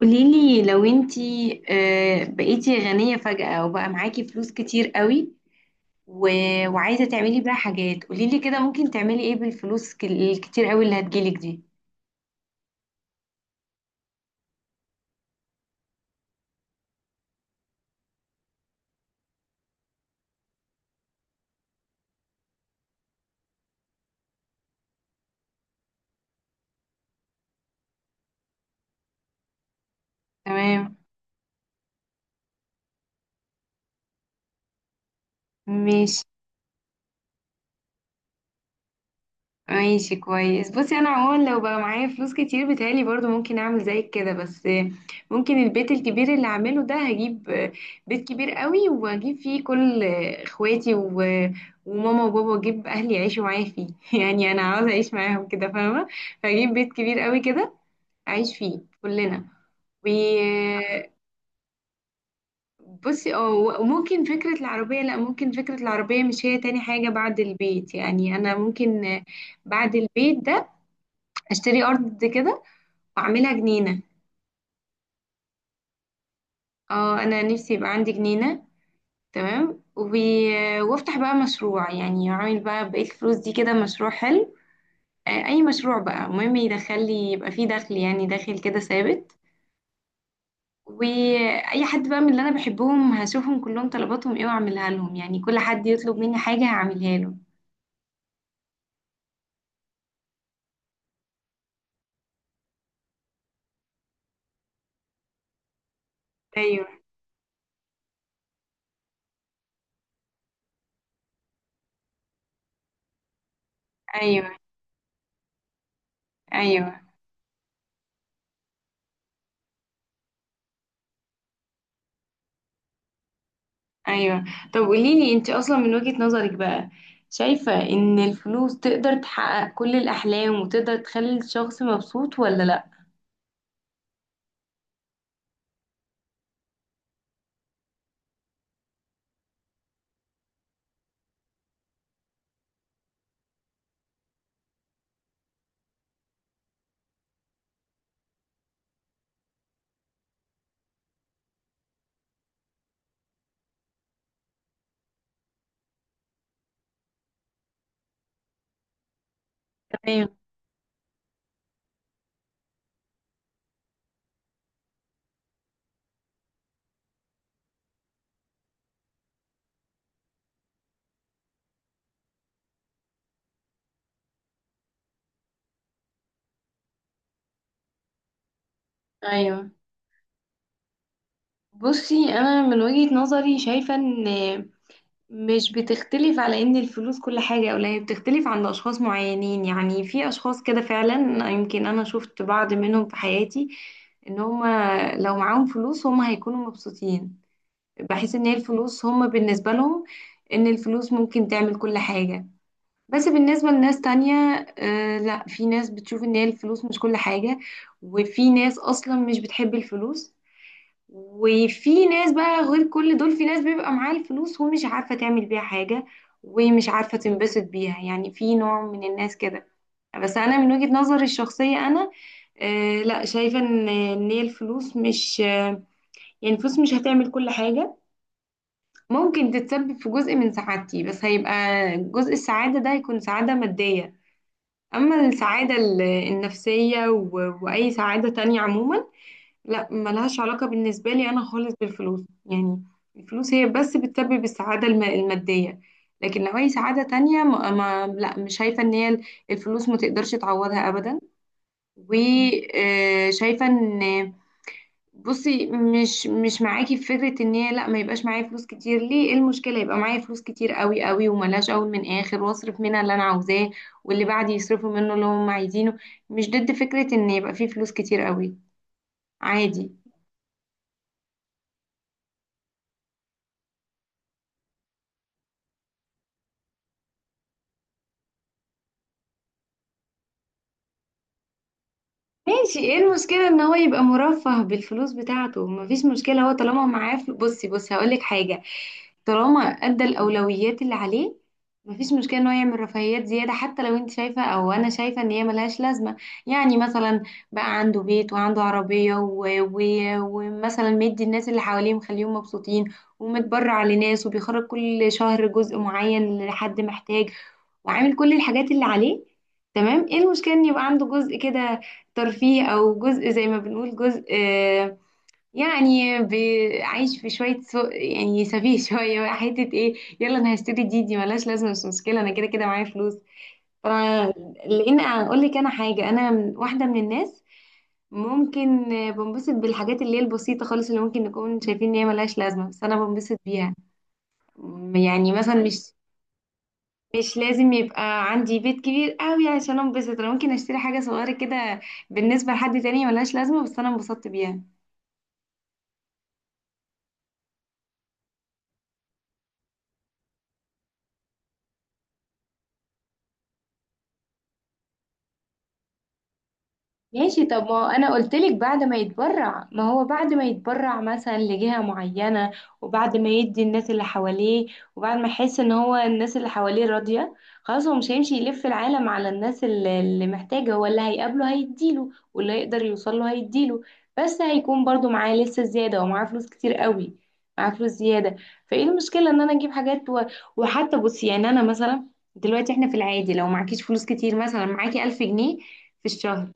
قوليلي لو انتي بقيتي غنية فجأة وبقى معاكي فلوس كتير قوي و... وعايزة تعملي بيها حاجات. قوليلي كده ممكن تعملي ايه بالفلوس الكتير قوي اللي هتجيلك دي؟ تمام. ماشي. ماشي كويس. بصي انا عموما لو بقى معايا فلوس كتير بتهيألي برضو ممكن اعمل زيك كده، بس ممكن البيت الكبير اللي اعمله ده، هجيب بيت كبير قوي واجيب فيه كل اخواتي وماما وبابا، واجيب اهلي يعيشوا معايا فيه يعني انا عاوزه اعيش معاهم كده، فاهمه؟ فاجيب بيت كبير قوي كده اعيش فيه كلنا. و بصي اه، وممكن فكرة العربية، لا، ممكن فكرة العربية مش هي تاني حاجة بعد البيت. يعني أنا ممكن بعد البيت ده اشتري ارض كده واعملها جنينه. اه انا نفسي يبقى عندي جنينه. تمام، وافتح بقى مشروع، يعني اعمل بقى بقيه الفلوس دي كده مشروع حلو، اي مشروع بقى، المهم يدخل لي، يبقى فيه دخل يعني داخل كده ثابت. واي حد بقى من اللي انا بحبهم هشوفهم كلهم طلباتهم ايه واعملها لهم، يعني كل حد يطلب مني حاجه هعملها له. ايوه. ايوه. ايوه. ايوه. طب قوليلي انت اصلا من وجهة نظرك بقى، شايفة ان الفلوس تقدر تحقق كل الاحلام وتقدر تخلي الشخص مبسوط، ولا لا؟ تمام. ايوه. بصي انا من وجهة نظري شايفة ان، مش بتختلف على ان الفلوس كل حاجة او لا، هي بتختلف عند اشخاص معينين. يعني في اشخاص كده فعلا، يمكن انا شفت بعض منهم في حياتي، ان هما لو معاهم فلوس هما هيكونوا مبسوطين. بحس ان هي الفلوس هم بالنسبة لهم، ان الفلوس ممكن تعمل كل حاجة. بس بالنسبة لناس تانية، لا، في ناس بتشوف ان هي الفلوس مش كل حاجة، وفي ناس اصلا مش بتحب الفلوس. وفي ناس بقى غير كل دول، في ناس بيبقى معاها الفلوس ومش عارفة تعمل بيها حاجة ومش عارفة تنبسط بيها، يعني في نوع من الناس كده. بس انا من وجهة نظري الشخصية انا، لا، شايفة إن هي الفلوس مش آه يعني الفلوس مش هتعمل كل حاجة. ممكن تتسبب في جزء من سعادتي بس هيبقى جزء، السعادة ده هيكون سعادة مادية. أما السعادة النفسية وأي سعادة تانية عموما، لا، ملهاش علاقة بالنسبة لي أنا خالص بالفلوس. يعني الفلوس هي بس بتسبب السعادة المادية. لكن لو أي سعادة تانية ما ما لا مش شايفة إن هي الفلوس ما تقدرش تعوضها أبدا. وشايفة إن، بصي مش معاكي في فكرة ان هي لا، ما يبقاش معايا فلوس كتير، ليه؟ ايه المشكلة يبقى معايا فلوس كتير قوي قوي وملاش اول من اخر، واصرف منها اللي انا عاوزاه واللي بعدي يصرفوا منه اللي هم عايزينه. مش ضد فكرة ان يبقى فيه فلوس كتير قوي، عادي. ماشي، ايه المشكلة ان هو يبقى مرفه بالفلوس بتاعته؟ مفيش مشكلة، هو طالما معاه بصي بصي، هقولك حاجة، طالما ادى الأولويات اللي عليه، مفيش مشكلة ان هو يعمل رفاهيات زيادة، حتى لو انت شايفة او انا شايفة ان هي ملهاش لازمة. يعني مثلا، بقى عنده بيت وعنده عربية، ومثلا مدي الناس اللي حواليه مخليهم مبسوطين، ومتبرع لناس وبيخرج كل شهر جزء معين لحد محتاج، وعامل كل الحاجات اللي عليه. تمام، ايه المشكلة ان يبقى عنده جزء كده ترفيه، او جزء زي ما بنقول جزء، يعني عايش في شويه سوء، يعني سفيه شويه بقى، حته ايه، يلا انا هشتري دي، دي ملهاش لازمه، مش مشكله، انا كده كده معايا فلوس. ف- لان اقول لك انا حاجه، انا واحده من الناس ممكن، بنبسط بالحاجات اللي هي البسيطه خالص، اللي ممكن نكون شايفين ان هي ملهاش لازمه، بس انا بنبسط بيها. يعني مثلا مش لازم يبقى عندي بيت كبير قوي عشان انبسط، انا ممكن اشتري حاجه صغيره كده بالنسبه لحد تاني ملهاش لازمه، بس انا انبسطت بيها. ماشي، طب ما هو انا قلت لك بعد ما يتبرع، ما هو بعد ما يتبرع مثلا لجهة معينة، وبعد ما يدي الناس اللي حواليه، وبعد ما يحس ان هو الناس اللي حواليه راضية، خلاص هو مش هيمشي يلف العالم على الناس اللي اللي محتاجة، هو اللي هيقابله هيديله واللي هيقدر يوصله هيديله. بس هيكون برضو معاه لسه زيادة، ومعاه فلوس كتير قوي، معاه فلوس زيادة. فايه المشكلة ان انا اجيب حاجات وحتى، بصي يعني انا مثلا دلوقتي احنا في العادي لو معكيش فلوس كتير، مثلا معاكي 1000 جنيه في الشهر،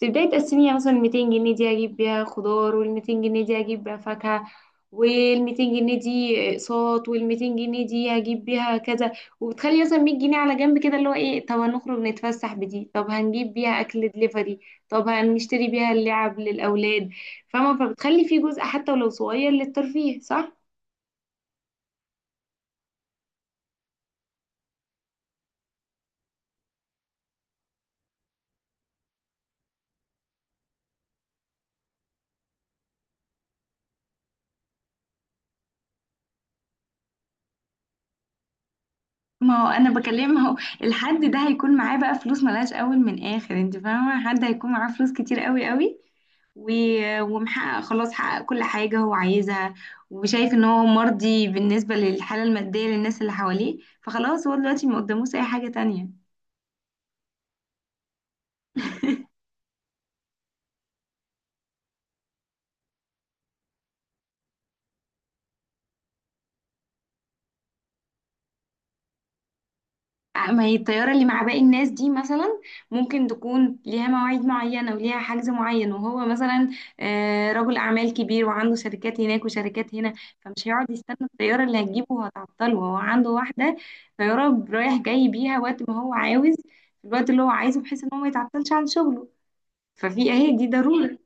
في بداية السنة مثلا 200 جنيه دي أجيب بيها خضار، وال 200 جنيه دي أجيب بيها فاكهة، وال 200 جنيه دي أقساط، وال 200 جنيه دي هجيب بيها كذا، وبتخلي مثلا 100 جنيه على جنب كده اللي هو إيه، طب هنخرج نتفسح بدي، طب هنجيب بيها أكل دليفري، طب هنشتري بيها اللعب للأولاد. فاهمة؟ فبتخلي في جزء حتى ولو صغير للترفيه، صح؟ ما هو انا بكلم، هو الحد ده هيكون معاه بقى فلوس ملهاش اول من اخر، انت فاهمه؟ حد هيكون معاه فلوس كتير قوي قوي و... ومحقق، خلاص حقق كل حاجه هو عايزها، وشايف ان هو مرضي بالنسبه للحاله الماديه للناس اللي حواليه، فخلاص هو دلوقتي ما قداموش اي حاجه تانية. ما هي الطيارة اللي مع باقي الناس دي مثلا ممكن تكون ليها مواعيد معينة وليها حجز معين، وهو مثلا رجل أعمال كبير وعنده شركات هناك وشركات هنا، فمش هيقعد يستنى الطيارة اللي هتجيبه وهتعطله، هو عنده واحدة طيارة رايح جاي بيها وقت ما هو عاوز، في الوقت اللي هو عايزه، بحيث إن هو ما يتعطلش عن شغله. ففي أهي دي ضرورة.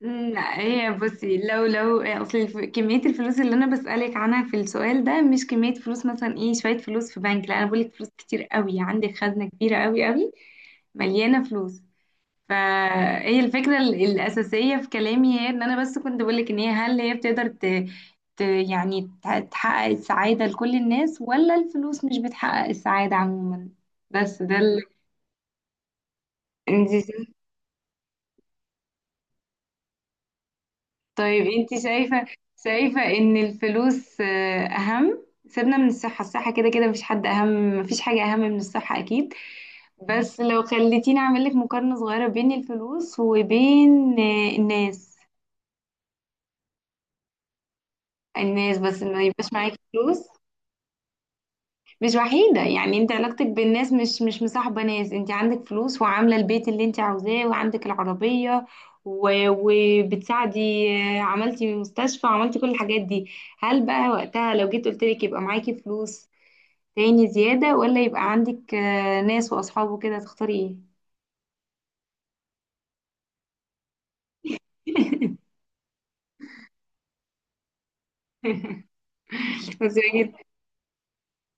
لا، هي بصي، لو لو اصل كمية الفلوس اللي انا بسألك عنها في السؤال ده مش كمية فلوس مثلا ايه شوية فلوس في بنك، لا، انا بقولك فلوس كتير قوي، عندك خزنة كبيرة قوي قوي مليانة فلوس. فهي الفكرة الأساسية في كلامي هي ان انا بس كنت بقولك ان هي، هل هي بتقدر يعني تحقق السعادة لكل الناس، ولا الفلوس مش بتحقق السعادة عموما؟ بس ده ال... طيب انت شايفة، شايفة ان الفلوس، اهم، سيبنا من الصحة، الصحة كده كده مفيش حد اهم، مفيش حاجة اهم من الصحة اكيد. بس لو خليتيني اعمل لك مقارنة صغيرة بين الفلوس وبين الناس، الناس بس ما يبقاش معاكي فلوس. مش وحيدة، يعني انت علاقتك بالناس مش مصاحبة ناس، انت عندك فلوس وعاملة البيت اللي انت عاوزاه وعندك العربية وبتساعدي، عملتي مستشفى، عملتي كل الحاجات دي. هل بقى وقتها لو جيت قلتلك يبقى معاكي فلوس تاني زيادة، ولا يبقى عندك ناس وأصحاب وكده، تختاري ايه؟ بس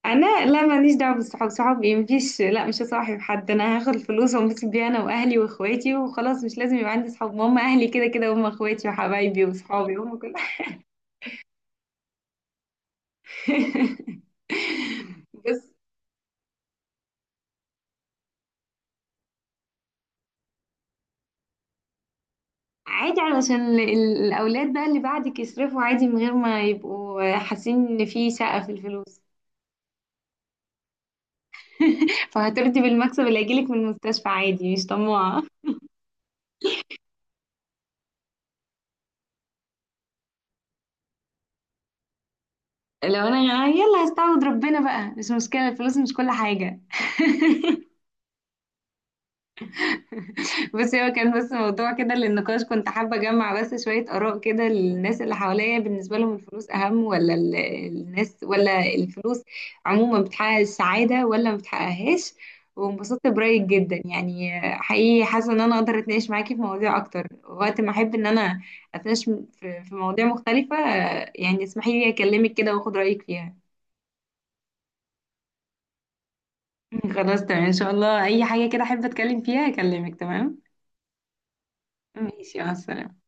انا لا ماليش دعوه بالصحاب، صحاب ايه؟ مفيش، لا، مش هصاحب حد، انا هاخد الفلوس وانبسط بيها انا واهلي واخواتي وخلاص، مش لازم يبقى عندي صحاب، ما هم اهلي كده كده، هم اخواتي وحبايبي وصحابي هم كل بس عادي علشان الاولاد بقى اللي بعدك يصرفوا عادي من غير ما يبقوا حاسين ان في سقف في الفلوس. فهترضي بالمكسب اللي هيجيلك من المستشفى عادي، مش طماعه. لو انا يلا هستعوض ربنا بقى، مش مشكله، الفلوس مش كل حاجه. بصي هو كان بس موضوع كده للنقاش، كنت حابة أجمع بس شوية آراء كده للناس اللي حواليا، بالنسبة لهم الفلوس أهم ولا الناس؟ ولا الفلوس عموما بتحقق السعادة ولا ما بتحققهاش؟ وانبسطت برأيك جدا يعني، حقيقي حاسة إن أنا أقدر أتناقش معاكي في مواضيع أكتر وقت ما أحب إن أنا أتناقش في مواضيع مختلفة، يعني اسمحي لي أكلمك كده وأخد رأيك فيها. خلاص تمام، إن شاء الله أي حاجة كده أحب أتكلم فيها أكلمك. تمام، ماشي، مع السلامة.